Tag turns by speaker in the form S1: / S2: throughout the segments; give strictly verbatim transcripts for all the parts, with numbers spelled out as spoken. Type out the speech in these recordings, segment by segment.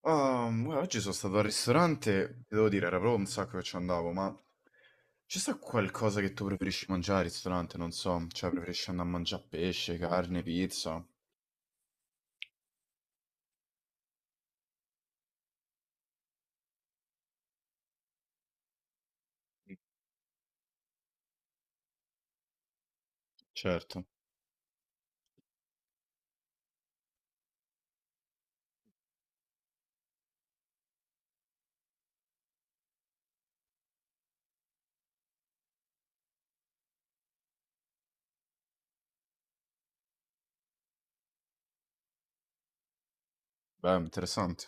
S1: Ah, guarda, oggi sono stato al ristorante, e devo dire, era proprio un sacco che ci andavo, ma c'è sta qualcosa che tu preferisci mangiare al ristorante? Non so, cioè preferisci andare a mangiare pesce, carne, pizza? Certo, beh, interessante.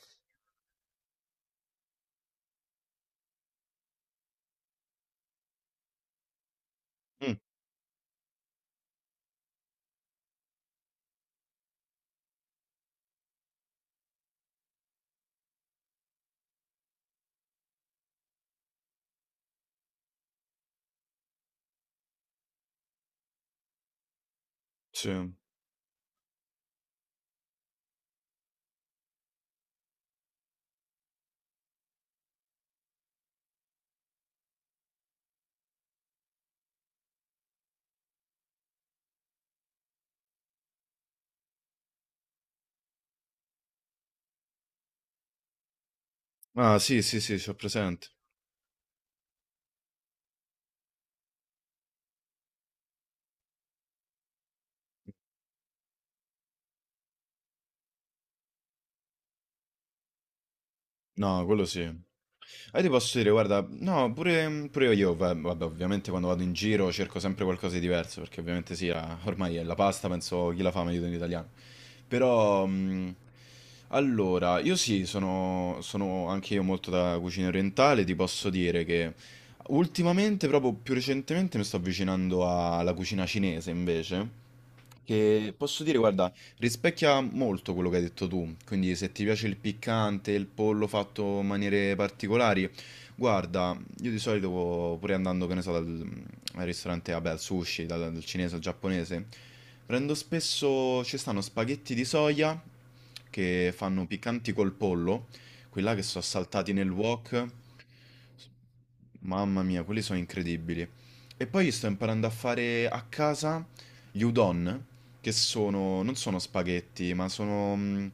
S1: Mm, sì. Ah, sì, sì, sì, c'ho presente. No, quello sì. Ah, io ti posso dire, guarda, no, pure, pure io, va- vabbè, ovviamente quando vado in giro cerco sempre qualcosa di diverso, perché ovviamente sì, la- ormai è la pasta, penso chi la fa meglio in italiano. Però, mh, allora, io sì, sono, sono anche io molto da cucina orientale, ti posso dire che ultimamente, proprio più recentemente, mi sto avvicinando alla cucina cinese invece, che posso dire, guarda... Rispecchia molto quello che hai detto tu, quindi se ti piace il piccante, il pollo fatto in maniere particolari, guarda, io di solito pure andando, che ne so, dal, mm, al ristorante, vabbè, al sushi, dal, dal cinese al giapponese, prendo spesso, ci stanno spaghetti di soia che fanno piccanti col pollo, quelli là che sono saltati nel wok. Mamma mia, quelli sono incredibili. E poi sto imparando a fare a casa gli udon, che sono, non sono spaghetti, ma sono, mm,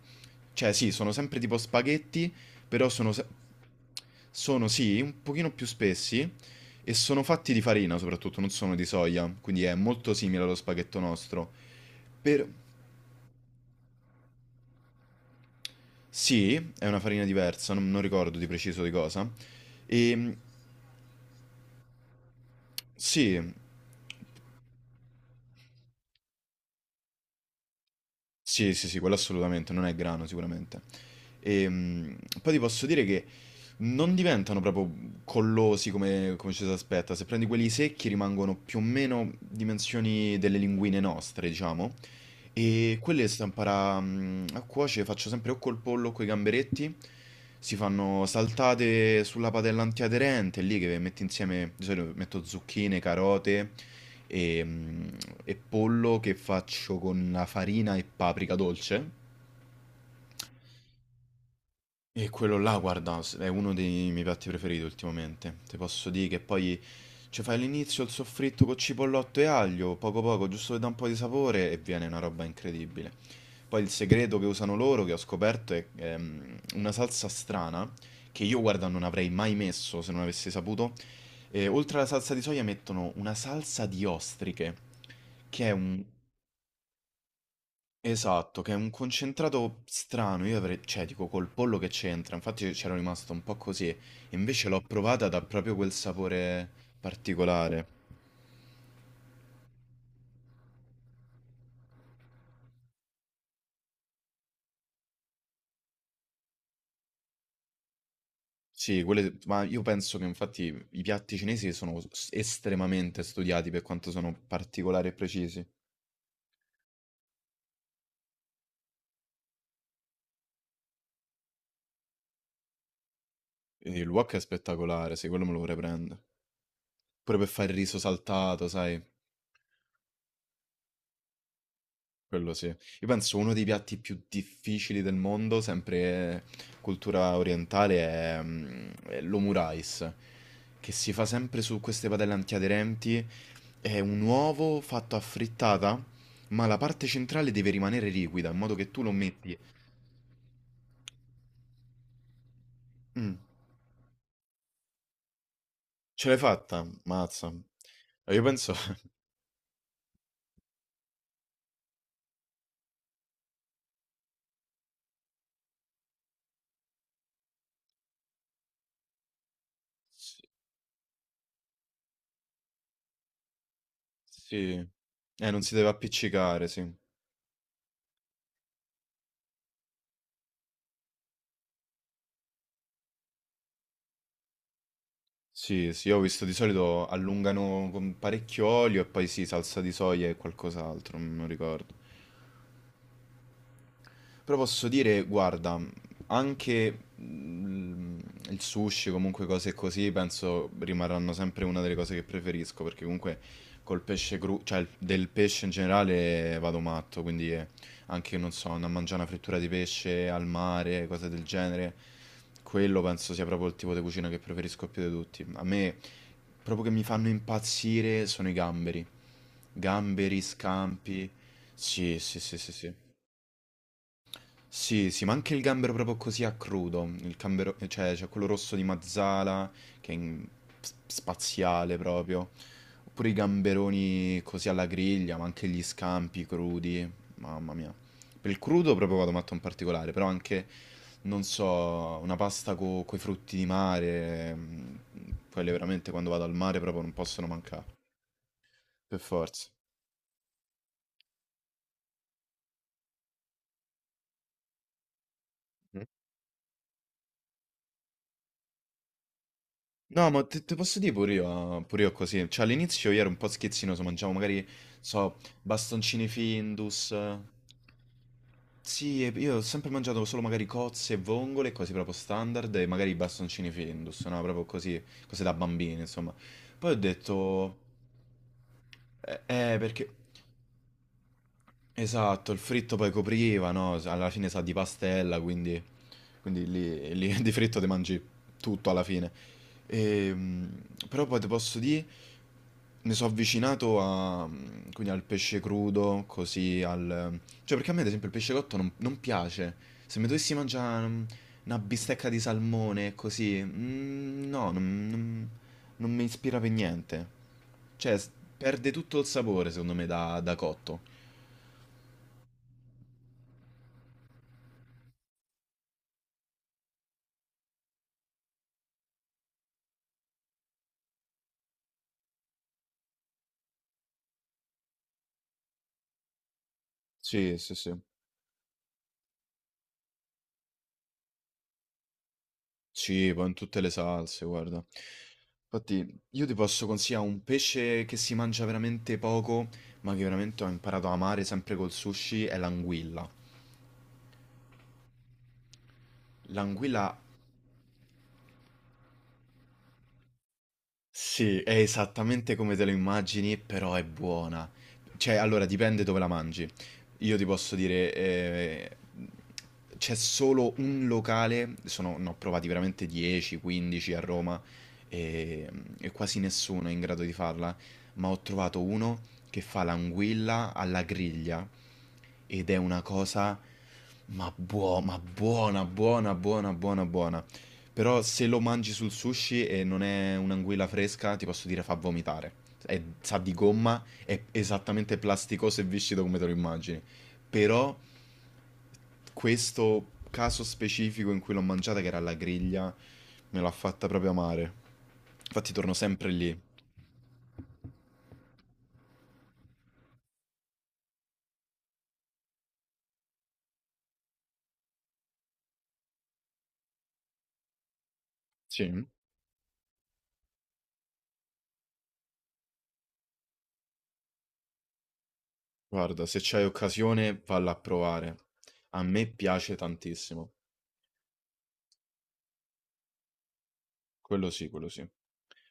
S1: cioè sì, sono sempre tipo spaghetti, però sono, se- sono sì, un pochino più spessi e sono fatti di farina soprattutto, non sono di soia, quindi è molto simile allo spaghetto nostro. Per... Sì, è una farina diversa, non, non ricordo di preciso di cosa. E mm, sì, sì, sì, sì, quello assolutamente, non è grano sicuramente. E, mh, poi ti posso dire che non diventano proprio collosi come, come ci si aspetta. Se prendi quelli secchi rimangono più o meno dimensioni delle linguine nostre, diciamo. E quelle stampara mh, a cuoce faccio sempre o col pollo o coi gamberetti. Si fanno saltate sulla padella antiaderente, lì che metti insieme, di solito metto zucchine, carote e, mh, e pollo che faccio con la farina e paprika dolce. E quello là, guarda, s- è uno dei miei piatti preferiti ultimamente. Ti posso dire che poi ci fai all'inizio il soffritto con cipollotto e aglio, poco poco, giusto per dare un po' di sapore e viene una roba incredibile. Poi il segreto che usano loro, che ho scoperto, è ehm, una salsa strana che io, guarda, non avrei mai messo se non avessi saputo. E oltre alla salsa di soia mettono una salsa di ostriche, che è un... Esatto, che è un concentrato strano, io avrei, cioè dico col pollo che c'entra, infatti io c'ero rimasto un po' così, invece l'ho provata da proprio quel sapore particolare. Sì, quelle, ma io penso che infatti i piatti cinesi sono s- estremamente studiati per quanto sono particolari e precisi. E il wok è spettacolare, sì, quello me lo vorrei prendere. Pure per fare il riso saltato, sai? Quello sì. Io penso uno dei piatti più difficili del mondo, sempre cultura orientale, è, mm, è l'omu rice, che si fa sempre su queste padelle antiaderenti. È un uovo fatto a frittata, ma la parte centrale deve rimanere liquida, in modo che tu lo metti... Mm, ce l'hai fatta? Mazza. Eh, Io penso... Sì. Sì. Eh, non si deve appiccicare, sì. Sì, sì, io ho visto di solito allungano con parecchio olio e poi sì, salsa di soia e qualcos'altro, non ricordo. Però posso dire, guarda, anche mm, il sushi, comunque cose così, penso rimarranno sempre una delle cose che preferisco, perché comunque col pesce crudo, cioè il- del pesce in generale vado matto, quindi eh, anche, non so, andare a mangiare una frittura di pesce al mare, cose del genere, quello penso sia proprio il tipo di cucina che preferisco più di tutti. A me, proprio che mi fanno impazzire, sono i gamberi. Gamberi, scampi. Sì, sì, sì, sì, sì. Sì, sì, ma anche il gambero proprio così a crudo, il gambero, cioè c'è quello rosso di Mazzala che è in- s- spaziale proprio, oppure i gamberoni così alla griglia, ma anche gli scampi crudi, mamma mia. Per il crudo proprio vado matto in particolare, però anche, non so, una pasta con i frutti di mare, mm, quelle veramente quando vado al mare proprio non possono mancare, per forza. No, ma te, te posso dire pure io, pure io così. Cioè, all'inizio io ero un po' schizzinoso, mangiavo magari, so, bastoncini Findus. Sì, e io ho sempre mangiato solo magari cozze e vongole, cose proprio standard, e magari bastoncini Findus, no? Proprio così, cose da bambini, insomma. Poi ho detto, eh, eh, perché... Esatto, il fritto poi copriva, no? Sa- Alla fine sa di pastella, quindi, quindi lì, lì di fritto ti mangi tutto alla fine. Ehm, Però poi ti posso dire, mi sono avvicinato a- quindi al pesce crudo, così al... Cioè perché a me ad esempio il pesce cotto non, non piace. Se mi dovessi mangiare mm, una bistecca di salmone, così... mm, no, non, non- non mi ispira per niente. Cioè, s- Perde tutto il sapore secondo me da da cotto. Sì, sì, sì. Sì, poi in tutte le salse, guarda. Infatti, io ti posso consigliare un pesce che si mangia veramente poco, ma che veramente ho imparato a amare sempre col sushi, è l'anguilla. L'anguilla. Sì, è esattamente come te lo immagini, però è buona. Cioè, allora, dipende dove la mangi. Io ti posso dire, eh, c'è solo un locale, sono, ne ho provati veramente dieci, quindici a Roma e, e quasi nessuno è in grado di farla, ma ho trovato uno che fa l'anguilla alla griglia ed è una cosa, ma buo- ma buona, buona, buona, buona, buona. Però se lo mangi sul sushi e non è un'anguilla fresca, ti posso dire fa vomitare. È- sa di gomma, è esattamente plasticoso e viscido come te lo immagini. Però questo caso specifico in cui l'ho mangiata, che era alla griglia, me l'ha fatta proprio amare. Infatti torno sempre lì. Sì, guarda, se c'hai occasione, valla a provare. A me piace tantissimo. Quello sì, quello sì.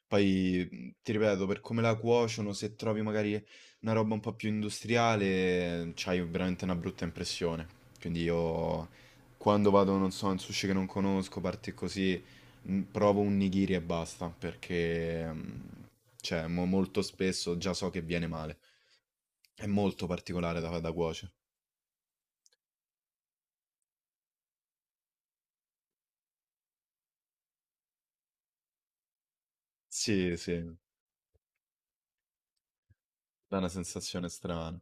S1: Poi, mhmm, ti ripeto, per come la cuociono, se trovi magari una roba un po' più industriale, mhmm, c'hai veramente una brutta impressione. Quindi io quando vado, non so, in sushi che non conosco, parti così, mhmm, provo un nigiri e basta, perché, mhmm, cioè mo molto spesso già so che viene male. È molto particolare da fa da cuoce. Sì, sì, dà una sensazione strana.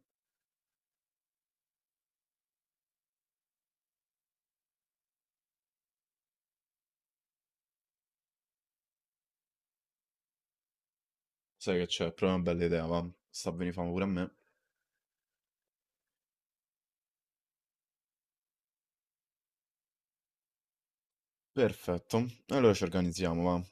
S1: Sai che c'è? Proprio una bella idea, va. Sta a venì fame pure a me. Perfetto, allora ci organizziamo, va.